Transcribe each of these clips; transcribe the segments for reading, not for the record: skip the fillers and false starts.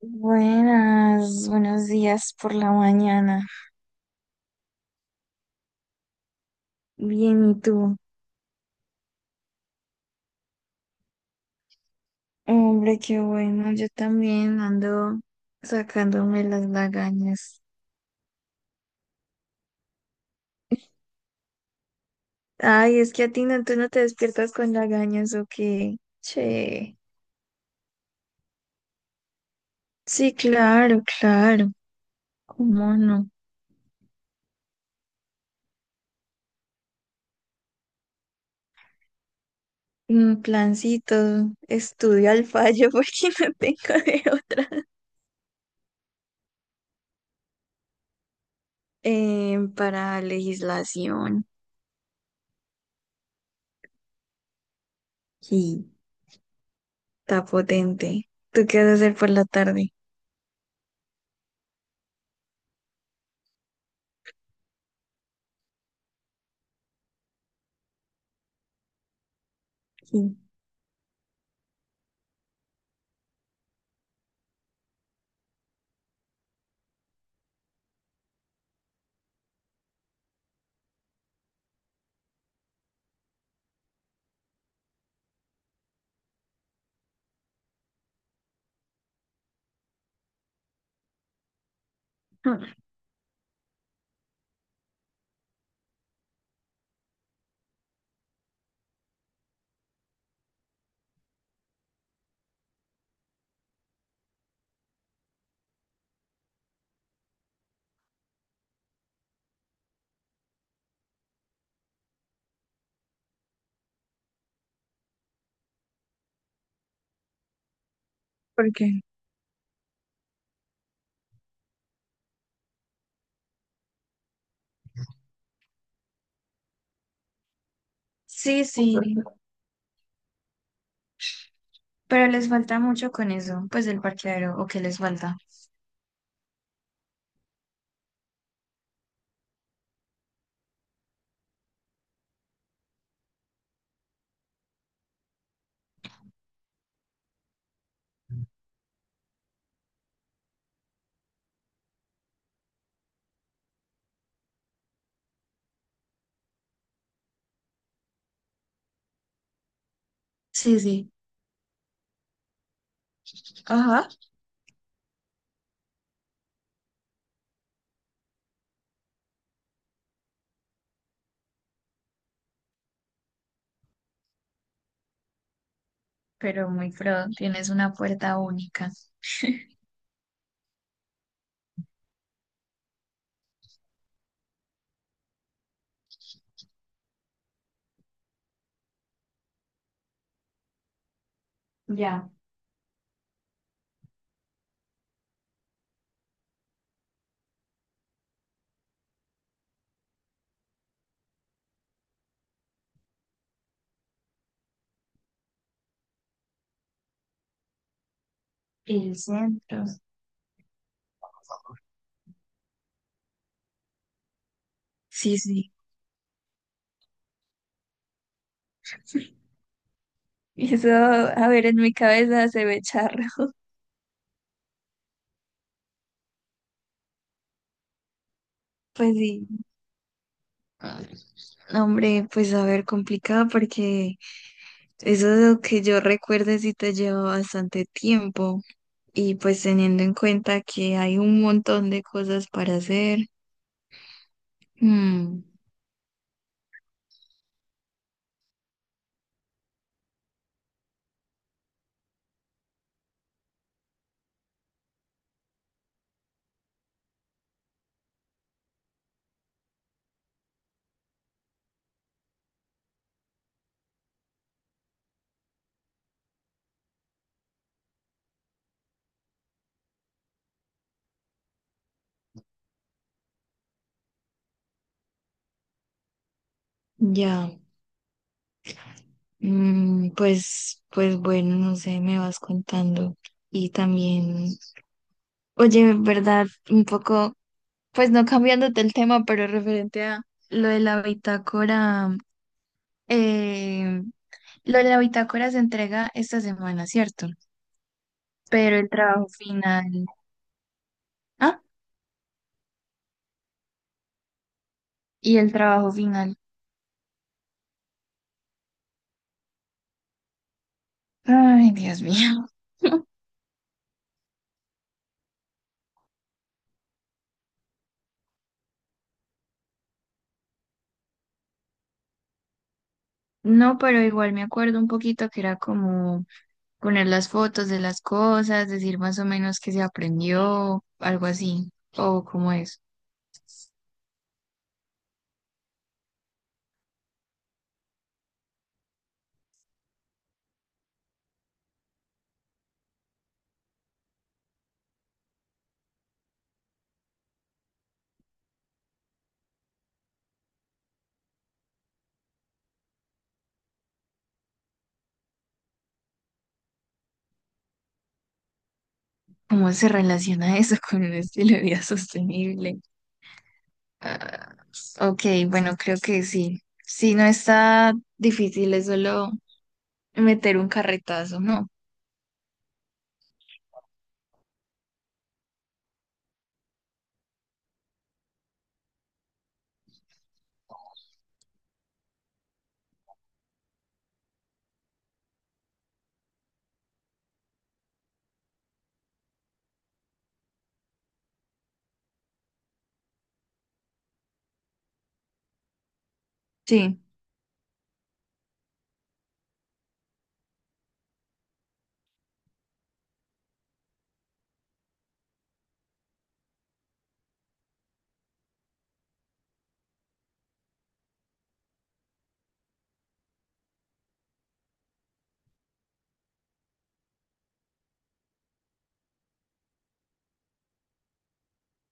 Buenas, buenos días por la mañana. Bien, ¿y tú? Hombre, qué bueno, yo también ando sacándome las lagañas. Ay, es que a ti no, tú no te despiertas con lagañas o qué. Che. Sí, claro, claro. ¿Cómo no? Un plancito, estudio al fallo porque no tengo de otra. Para legislación. Sí, está potente. ¿Tú qué vas a hacer por la tarde? Sí. Porque sí, sí, pero les falta mucho con eso, pues el parqueadero, o que les falta. Sí, sí, ajá. Pero muy pro, tienes una puerta única. Ya, el centro. Sí, sí. Y eso, a ver, en mi cabeza se ve charro. Pues sí. Ah, hombre, pues a ver, complicado porque eso es lo que yo recuerde si te lleva bastante tiempo y pues teniendo en cuenta que hay un montón de cosas para hacer. mm, ya. Mm, pues, pues bueno, no sé, me vas contando. Y también, oye, en verdad, un poco, pues no cambiándote el tema, pero referente a lo de la bitácora, eh, lo de la bitácora se entrega esta semana, ¿cierto? Pero el trabajo final, ah, y el trabajo final, ay, Dios mío. No, pero igual me acuerdo un poquito que era como poner las fotos de las cosas, decir más o menos qué se aprendió, algo así, o cómo es, cómo se relaciona eso con un estilo de vida sostenible. Ah, ok, bueno, creo que sí. Sí, no está difícil, es solo meter un carretazo, ¿no? Sí,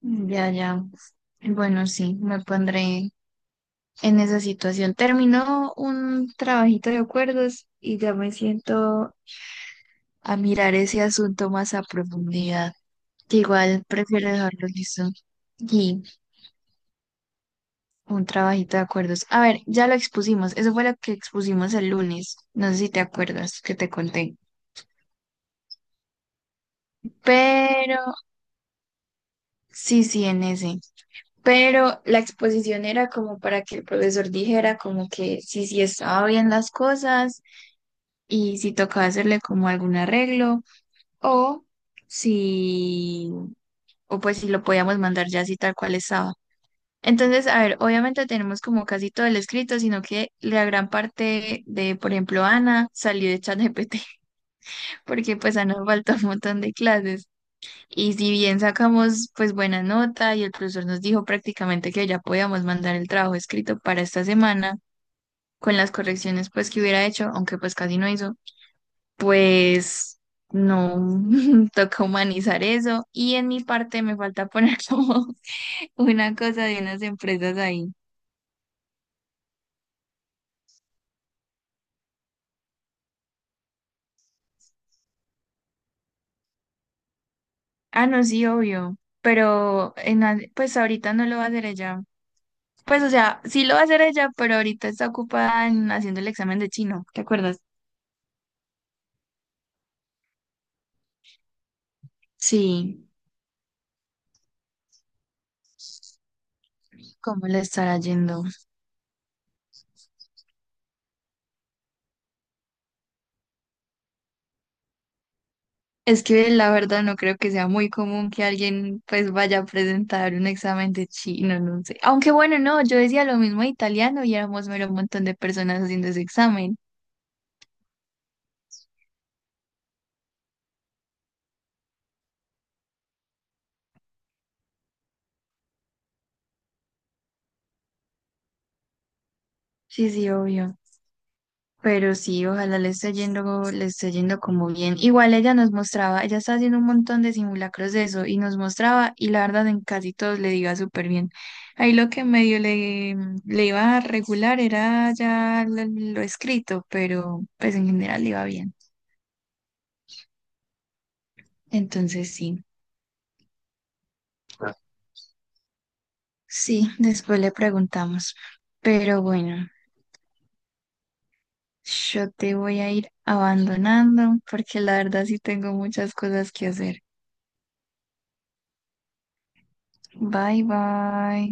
mm, ya, ya. Bueno, sí, me pondré en esa situación. Terminó un trabajito de acuerdos y ya me siento a mirar ese asunto más a profundidad. Que igual prefiero dejarlo listo. Y un trabajito de acuerdos. A ver, ya lo expusimos. Eso fue lo que expusimos el lunes. No sé si te acuerdas que te conté. Pero sí, sí, en ese. Pero la exposición era como para que el profesor dijera como que sí, sí estaba bien las cosas y si tocaba hacerle como algún arreglo o si, o pues si lo podíamos mandar ya así tal cual estaba. Entonces, a ver, obviamente tenemos como casi todo el escrito, sino que la gran parte de, por ejemplo, Ana salió de ChatGPT, porque pues a Ana falta un montón de clases. Y si bien sacamos pues buena nota y el profesor nos dijo prácticamente que ya podíamos mandar el trabajo escrito para esta semana, con las correcciones pues que hubiera hecho, aunque pues casi no hizo, pues no, toca humanizar eso. Y en mi parte me falta poner como una cosa de unas empresas ahí. Ah, no, sí, obvio, pero en, al- pues ahorita no lo va a hacer ella. Pues, o sea, sí lo va a hacer ella, pero ahorita está ocupada en haciendo el examen de chino, ¿te acuerdas? Sí, ¿cómo le estará yendo? Es que la verdad no creo que sea muy común que alguien pues vaya a presentar un examen de chino, no sé. Aunque bueno, no, yo decía lo mismo de italiano y éramos mero un montón de personas haciendo ese examen. Sí, sí, obvio. Pero sí, ojalá le esté yendo como bien. Igual ella nos mostraba, ella está haciendo un montón de simulacros de eso y nos mostraba y la verdad en casi todos le iba súper bien. Ahí lo que medio le, le iba a regular era ya lo escrito, pero pues en general le iba bien. Entonces sí, sí, después le preguntamos. Pero bueno, yo te voy a ir abandonando porque la verdad sí tengo muchas cosas que hacer. Bye bye.